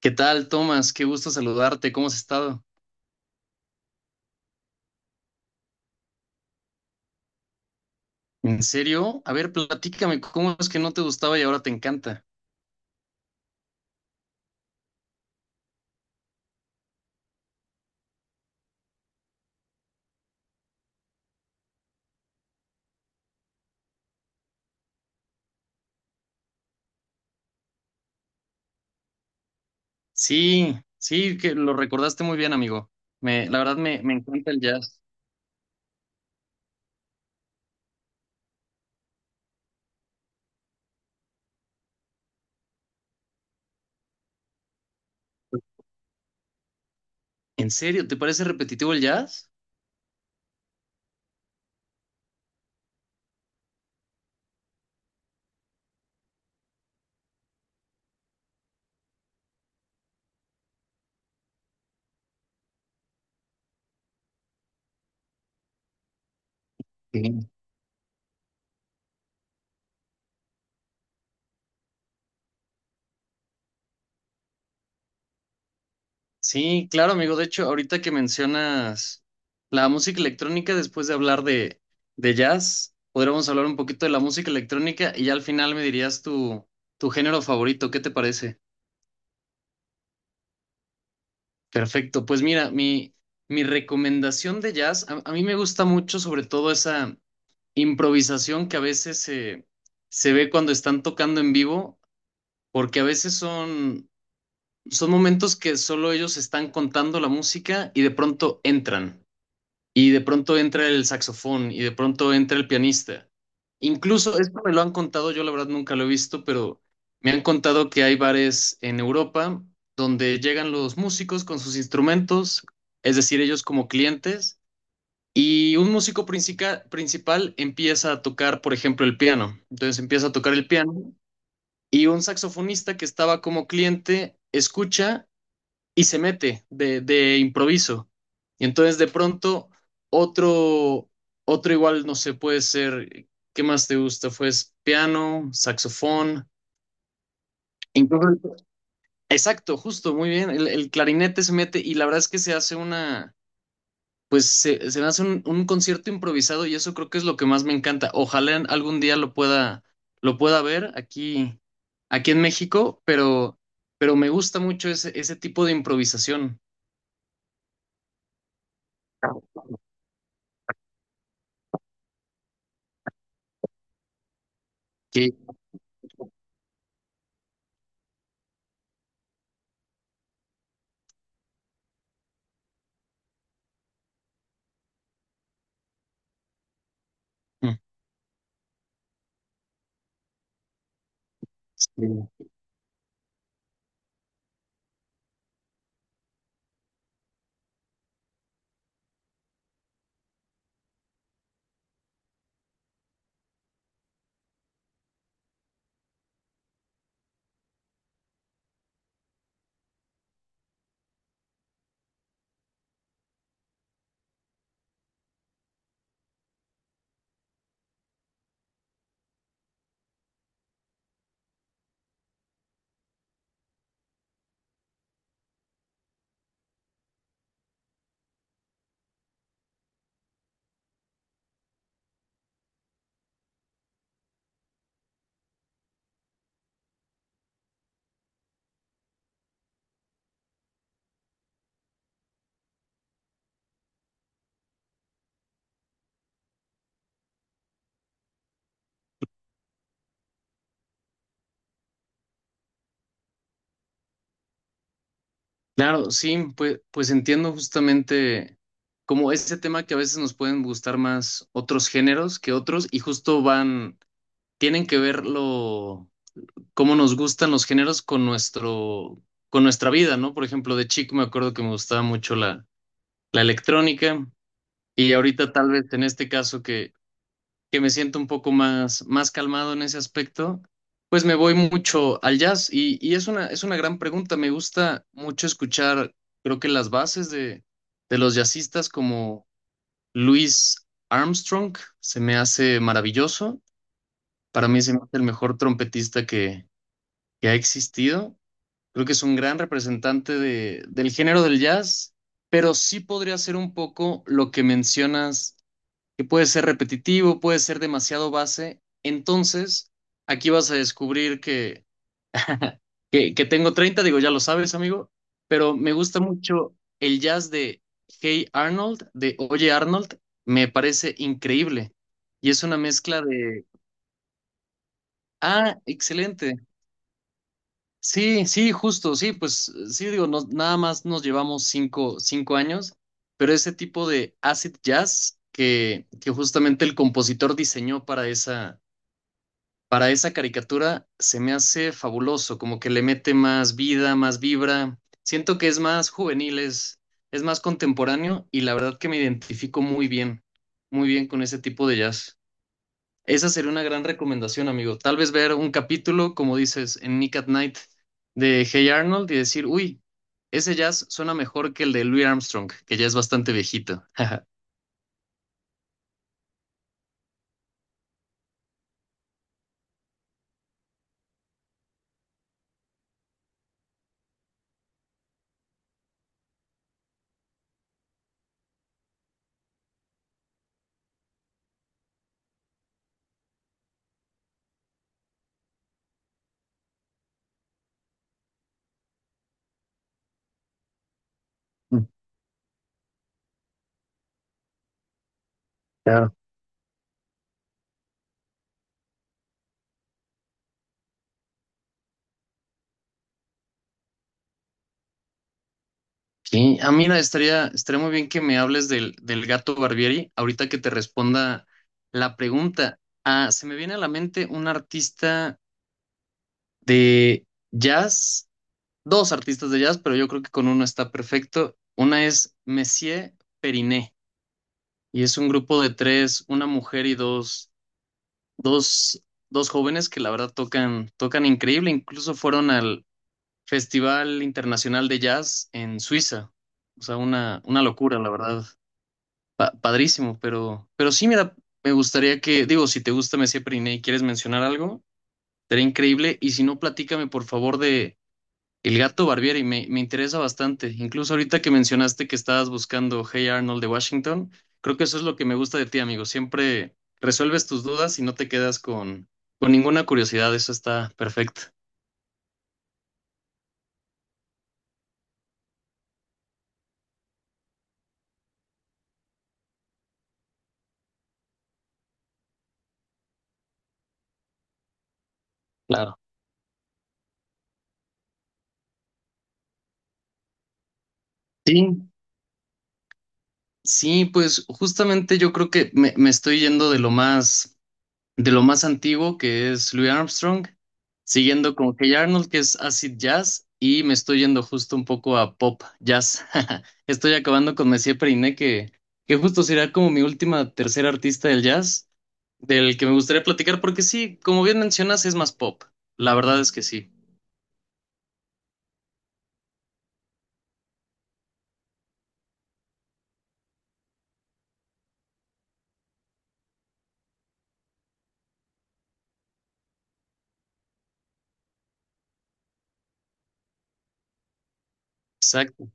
¿Qué tal, Tomás? Qué gusto saludarte. ¿Cómo has estado? ¿En serio? A ver, platícame, ¿cómo es que no te gustaba y ahora te encanta? Sí, sí, que lo recordaste muy bien, amigo. La verdad me encanta el jazz. ¿En serio? ¿Te parece repetitivo el jazz? Sí. Sí, claro, amigo. De hecho, ahorita que mencionas la música electrónica, después de hablar de jazz, podríamos hablar un poquito de la música electrónica y ya al final me dirías tu género favorito. ¿Qué te parece? Perfecto, pues mira, mi recomendación de jazz, a mí me gusta mucho sobre todo esa improvisación que a veces se ve cuando están tocando en vivo, porque a veces son momentos que solo ellos están contando la música y de pronto entran y de pronto entra el saxofón y de pronto entra el pianista. Incluso, esto me lo han contado, yo la verdad nunca lo he visto, pero me han contado que hay bares en Europa donde llegan los músicos con sus instrumentos, es decir, ellos como clientes, y un músico principal empieza a tocar, por ejemplo, el piano. Entonces empieza a tocar el piano y un saxofonista que estaba como cliente escucha y se mete de improviso. Y entonces de pronto otro, otro igual, no sé, puede ser, ¿qué más te gusta? Pues piano, saxofón. Incluso... Exacto, justo, muy bien. El clarinete se mete y la verdad es que se hace una, pues se hace un concierto improvisado y eso creo que es lo que más me encanta. Ojalá algún día lo pueda ver aquí, aquí en México, pero me gusta mucho ese tipo de improvisación. Que, mm. Sí. Claro, sí, pues, pues entiendo justamente como ese tema que a veces nos pueden gustar más otros géneros que otros y justo van, tienen que ver lo, cómo nos gustan los géneros con nuestro, con nuestra vida, ¿no? Por ejemplo, de chico me acuerdo que me gustaba mucho la electrónica y ahorita tal vez en este caso que me siento un poco más, más calmado en ese aspecto, pues me voy mucho al jazz y es una gran pregunta. Me gusta mucho escuchar, creo que las bases de los jazzistas como Louis Armstrong se me hace maravilloso. Para mí se me hace el mejor trompetista que ha existido. Creo que es un gran representante de, del género del jazz, pero sí podría ser un poco lo que mencionas que puede ser repetitivo, puede ser demasiado base. Entonces, aquí vas a descubrir que tengo 30, digo, ya lo sabes, amigo, pero me gusta mucho el jazz de Hey Arnold, de Oye Arnold, me parece increíble. Y es una mezcla de... Ah, excelente. Sí, sí, justo, sí, pues sí, digo, nada más nos llevamos cinco años, pero ese tipo de acid jazz que justamente el compositor diseñó para esa caricatura se me hace fabuloso, como que le mete más vida, más vibra. Siento que es más juvenil, es más contemporáneo y la verdad que me identifico muy bien con ese tipo de jazz. Esa sería una gran recomendación, amigo. Tal vez ver un capítulo, como dices, en Nick at Night de Hey Arnold y decir, uy, ese jazz suena mejor que el de Louis Armstrong, que ya es bastante viejito. Mm, ya. Sí, ah, mira, estaría, estaría muy bien que me hables del, del Gato Barbieri, ahorita que te responda la pregunta. Ah, se me viene a la mente un artista de jazz, dos artistas de jazz, pero yo creo que con uno está perfecto. Una es Messier Periné, y es un grupo de tres, una mujer y dos, dos jóvenes que la verdad tocan, tocan increíble, incluso fueron al Festival Internacional de Jazz en Suiza. O sea, una locura, la verdad. Padrísimo, pero sí, mira, me gustaría que, digo, si te gusta Mesía Periné y quieres mencionar algo, sería increíble. Y si no, platícame por favor de El Gato Barbieri, me interesa bastante. Incluso ahorita que mencionaste que estabas buscando Hey Arnold de Washington, creo que eso es lo que me gusta de ti, amigo. Siempre resuelves tus dudas y no te quedas con ninguna curiosidad, eso está perfecto. Claro. Sí, sí, pues justamente yo creo que me estoy yendo de lo más antiguo que es Louis Armstrong, siguiendo con Hey Arnold que es acid jazz y me estoy yendo justo un poco a pop jazz. Estoy acabando con Messier Periné que justo será como mi última tercera artista del jazz del que me gustaría platicar porque sí, como bien mencionas es más pop. La verdad es que sí. Exacto.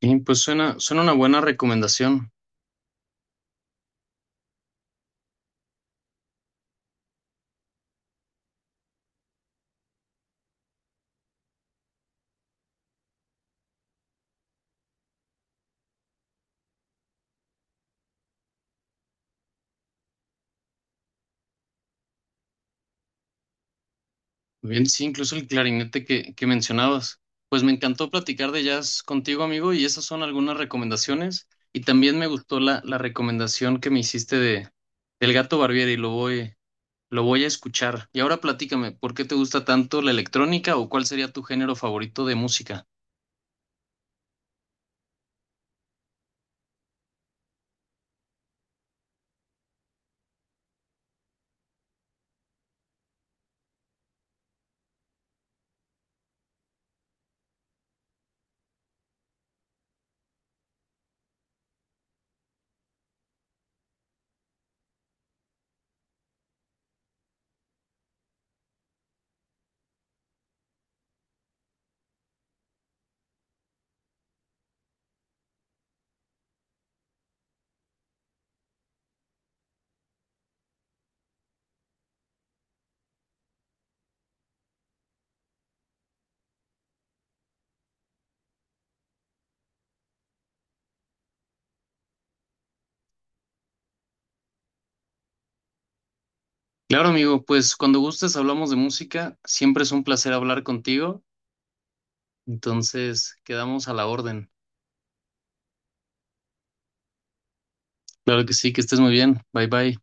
Y pues suena, suena una buena recomendación. Muy bien, sí, incluso el clarinete que mencionabas. Pues me encantó platicar de jazz contigo, amigo, y esas son algunas recomendaciones. Y también me gustó la recomendación que me hiciste de del Gato Barbieri, lo voy a escuchar. Y ahora platícame, ¿por qué te gusta tanto la electrónica o cuál sería tu género favorito de música? Claro, amigo, pues cuando gustes hablamos de música, siempre es un placer hablar contigo, entonces quedamos a la orden. Claro que sí, que estés muy bien. Bye bye.